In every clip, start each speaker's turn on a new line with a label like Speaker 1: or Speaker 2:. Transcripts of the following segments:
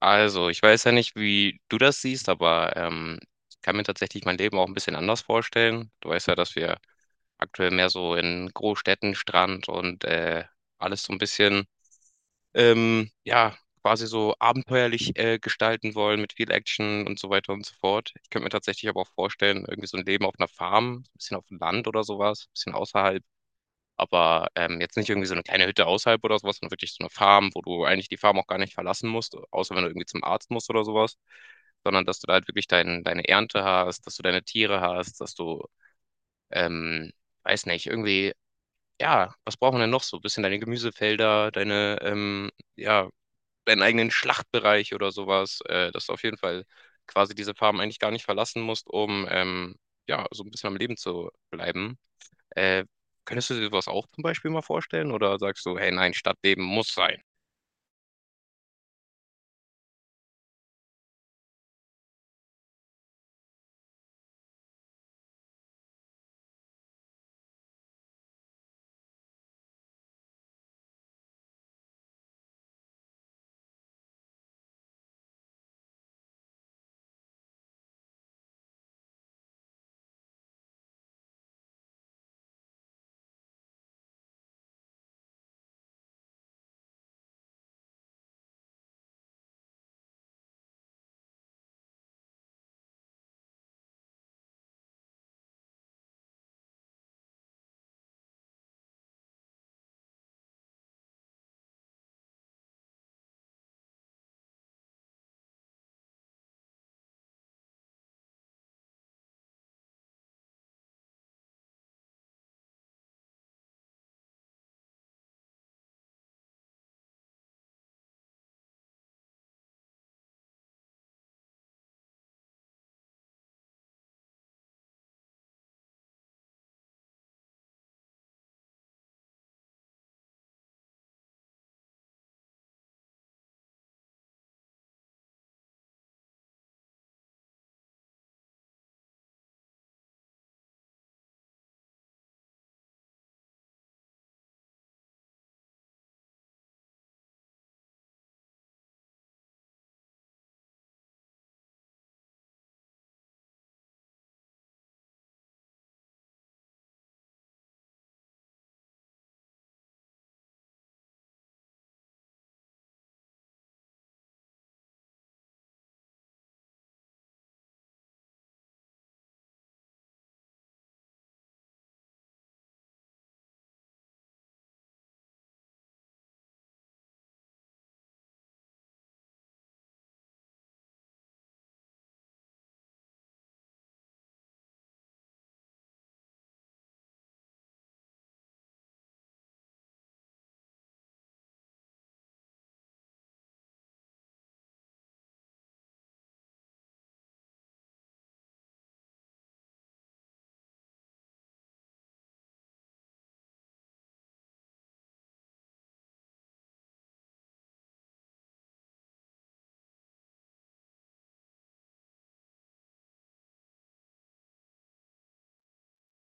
Speaker 1: Also, ich weiß ja nicht, wie du das siehst, aber ich kann mir tatsächlich mein Leben auch ein bisschen anders vorstellen. Du weißt ja, dass wir aktuell mehr so in Großstädten, Strand und alles so ein bisschen, ja, quasi so abenteuerlich gestalten wollen mit viel Action und so weiter und so fort. Ich könnte mir tatsächlich aber auch vorstellen, irgendwie so ein Leben auf einer Farm, so ein bisschen auf dem Land oder sowas, ein bisschen außerhalb. Aber jetzt nicht irgendwie so eine kleine Hütte außerhalb oder so was, sondern wirklich so eine Farm, wo du eigentlich die Farm auch gar nicht verlassen musst, außer wenn du irgendwie zum Arzt musst oder sowas, sondern dass du da halt wirklich deine Ernte hast, dass du deine Tiere hast, dass du, ähm, weiß nicht, irgendwie ja, was braucht man denn noch so? Ein bisschen deine Gemüsefelder, deine, ja, deinen eigenen Schlachtbereich oder sowas, dass du auf jeden Fall quasi diese Farm eigentlich gar nicht verlassen musst, um, ja, so ein bisschen am Leben zu bleiben. Äh, Könntest du dir sowas auch zum Beispiel mal vorstellen oder sagst du, hey, nein, Stadtleben muss sein?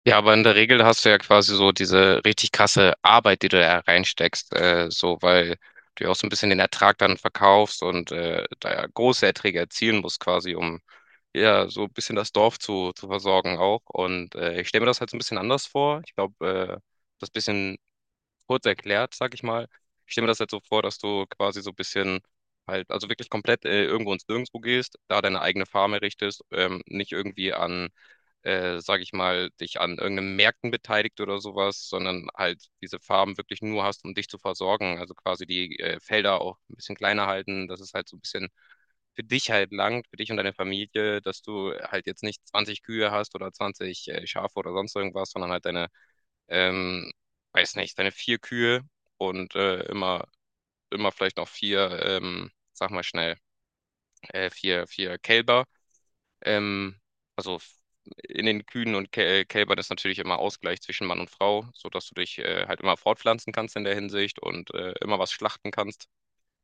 Speaker 1: Ja, aber in der Regel hast du ja quasi so diese richtig krasse Arbeit, die du da reinsteckst, so, weil du ja auch so ein bisschen den Ertrag dann verkaufst und da ja große Erträge erzielen musst quasi, um ja so ein bisschen das Dorf zu versorgen auch. Und ich stelle mir das halt so ein bisschen anders vor. Ich glaube, äh, das bisschen kurz erklärt, sag ich mal. Ich stelle mir das jetzt so vor, dass du quasi so ein bisschen halt, also wirklich komplett irgendwo ins Nirgendwo gehst, da deine eigene Farm errichtest, nicht irgendwie sag ich mal, dich an irgendeinen Märkten beteiligt oder sowas, sondern halt diese Farm wirklich nur hast, um dich zu versorgen. Also quasi die Felder auch ein bisschen kleiner halten, dass es halt so ein bisschen für dich halt langt, für dich und deine Familie, dass du halt jetzt nicht 20 Kühe hast oder 20 Schafe oder sonst irgendwas, sondern halt deine ähm, weiß nicht, deine vier Kühe und immer vielleicht noch vier, sag mal schnell, vier Kälber. Ähm, also f- in den Kühen und Kälbern ist natürlich immer Ausgleich zwischen Mann und Frau, sodass du dich halt immer fortpflanzen kannst in der Hinsicht und immer was schlachten kannst.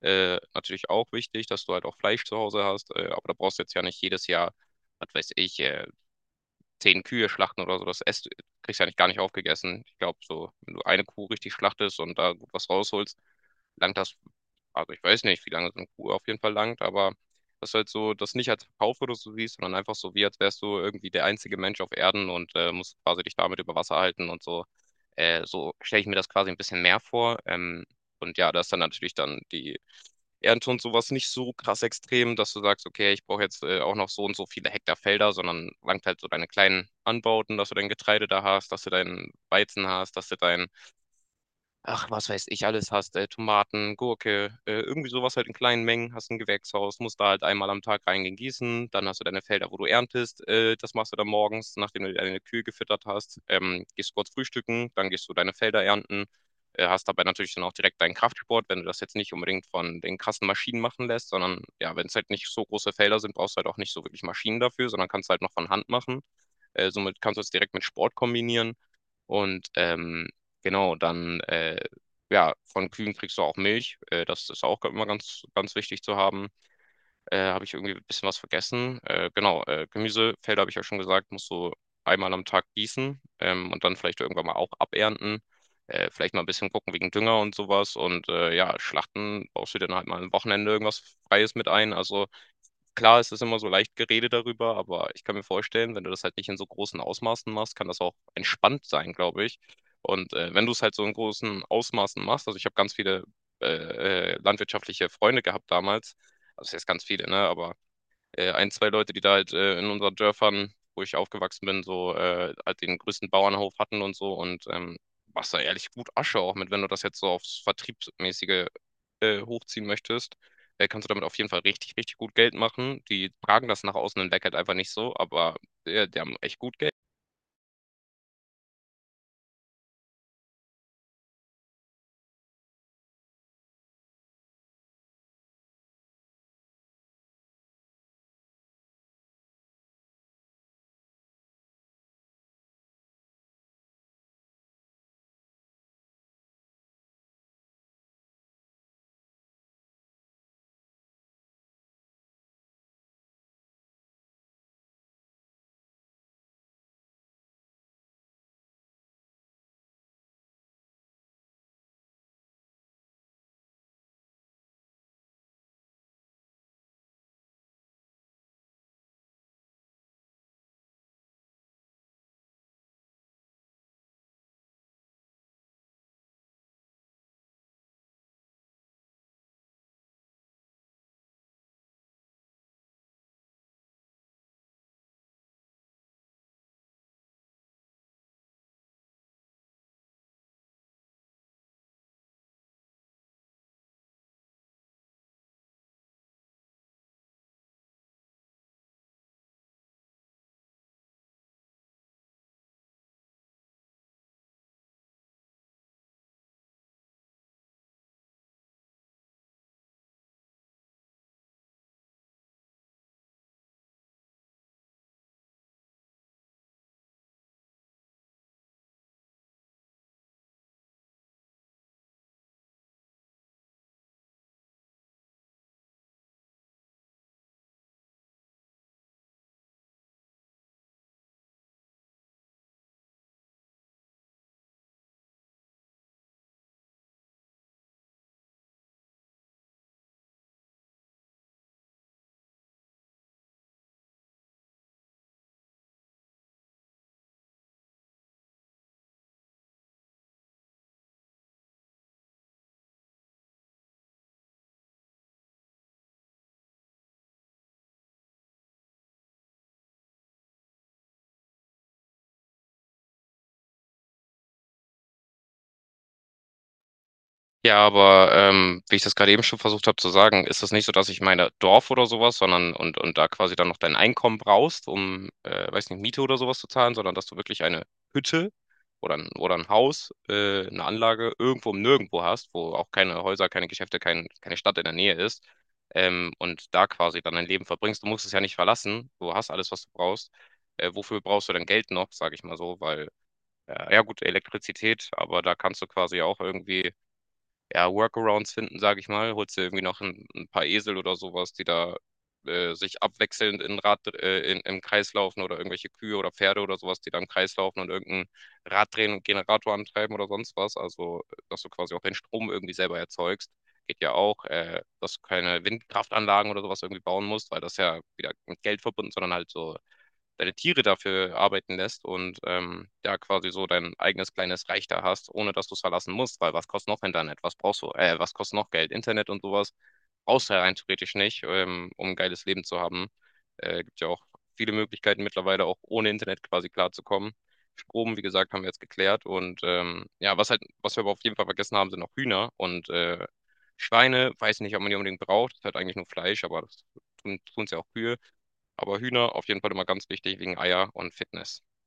Speaker 1: Natürlich auch wichtig, dass du halt auch Fleisch zu Hause hast, aber da brauchst du jetzt ja nicht jedes Jahr, was weiß ich, 10 Kühe schlachten oder so, das esst, kriegst du eigentlich gar nicht aufgegessen. Ich glaube, so, wenn du eine Kuh richtig schlachtest und da gut was rausholst, langt das, also ich weiß nicht, wie lange so eine Kuh auf jeden Fall langt, aber das ist halt so, das nicht als Verkauf oder so siehst, sondern einfach so, wie als wärst du irgendwie der einzige Mensch auf Erden und musst quasi dich damit über Wasser halten und so. So stelle ich mir das quasi ein bisschen mehr vor. Und ja, das ist dann natürlich dann die Ernte und sowas nicht so krass extrem, dass du sagst, okay, ich brauche jetzt auch noch so und so viele Hektar Felder, sondern langt halt so deine kleinen Anbauten, dass du dein Getreide da hast, dass du deinen Weizen hast, dass du dein Ach, was weiß ich, alles hast, Tomaten, Gurke, irgendwie sowas halt in kleinen Mengen, hast ein Gewächshaus, musst da halt einmal am Tag reingehen gießen, dann hast du deine Felder, wo du erntest, das machst du dann morgens, nachdem du deine Kühe gefüttert hast, gehst du kurz frühstücken, dann gehst du deine Felder ernten, hast dabei natürlich dann auch direkt deinen Kraftsport, wenn du das jetzt nicht unbedingt von den krassen Maschinen machen lässt, sondern ja, wenn es halt nicht so große Felder sind, brauchst du halt auch nicht so wirklich Maschinen dafür, sondern kannst halt noch von Hand machen. Somit kannst du es direkt mit Sport kombinieren. Und genau, dann ja, von Kühen kriegst du auch Milch. Das ist auch immer ganz, ganz wichtig zu haben. Habe ich irgendwie ein bisschen was vergessen. Genau, Gemüsefelder habe ich ja schon gesagt, musst du einmal am Tag gießen und dann vielleicht irgendwann mal auch abernten. Vielleicht mal ein bisschen gucken wegen Dünger und sowas. Und ja, Schlachten baust du dann halt mal am Wochenende irgendwas Freies mit ein. Also klar, es ist immer so leicht geredet darüber, aber ich kann mir vorstellen, wenn du das halt nicht in so großen Ausmaßen machst, kann das auch entspannt sein, glaube ich. Und, wenn du es halt so in großen Ausmaßen machst, also ich habe ganz viele, landwirtschaftliche Freunde gehabt damals. Also, was heißt ganz viele, ne, aber ein, zwei Leute, die da halt in unseren Dörfern, wo ich aufgewachsen bin, so halt den größten Bauernhof hatten und so und machst da ehrlich gut Asche auch mit, wenn du das jetzt so aufs Vertriebsmäßige hochziehen möchtest. Kannst du damit auf jeden Fall richtig, richtig gut Geld machen. Die tragen das nach außen hinweg halt einfach nicht so, aber die haben echt gut Geld. Ja, aber wie ich das gerade eben schon versucht habe zu sagen, ist es nicht so, dass ich meine Dorf oder sowas, sondern und da quasi dann noch dein Einkommen brauchst, um, weiß nicht, Miete oder sowas zu zahlen, sondern dass du wirklich eine Hütte oder ein Haus, eine Anlage irgendwo im Nirgendwo hast, wo auch keine Häuser, keine Geschäfte, kein, keine Stadt in der Nähe ist, und da quasi dann dein Leben verbringst. Du musst es ja nicht verlassen, du hast alles, was du brauchst. Wofür brauchst du denn Geld noch, sage ich mal so, weil, ja gut, Elektrizität, aber da kannst du quasi auch irgendwie ja, Workarounds finden, sage ich mal. Holst dir irgendwie noch ein paar Esel oder sowas, die da sich abwechselnd im Kreis laufen oder irgendwelche Kühe oder Pferde oder sowas, die da im Kreis laufen und irgendein Rad drehen und Generator antreiben oder sonst was. Also, dass du quasi auch den Strom irgendwie selber erzeugst. Geht ja auch, dass du keine Windkraftanlagen oder sowas irgendwie bauen musst, weil das ja wieder mit Geld verbunden, sondern halt so deine Tiere dafür arbeiten lässt und ja quasi so dein eigenes kleines Reich da hast, ohne dass du es verlassen musst, weil was kostet noch Internet? Was brauchst du? Was kostet noch Geld? Internet und sowas brauchst du ja rein theoretisch nicht, um ein geiles Leben zu haben. Gibt ja auch viele Möglichkeiten mittlerweile auch ohne Internet quasi klarzukommen. Strom, wie gesagt, haben wir jetzt geklärt und ja, was halt, was wir aber auf jeden Fall vergessen haben, sind noch Hühner und Schweine, weiß nicht, ob man die unbedingt braucht, das ist halt eigentlich nur Fleisch, aber das tun's ja auch Kühe. Aber Hühner auf jeden Fall immer ganz wichtig wegen Eier und Fitness.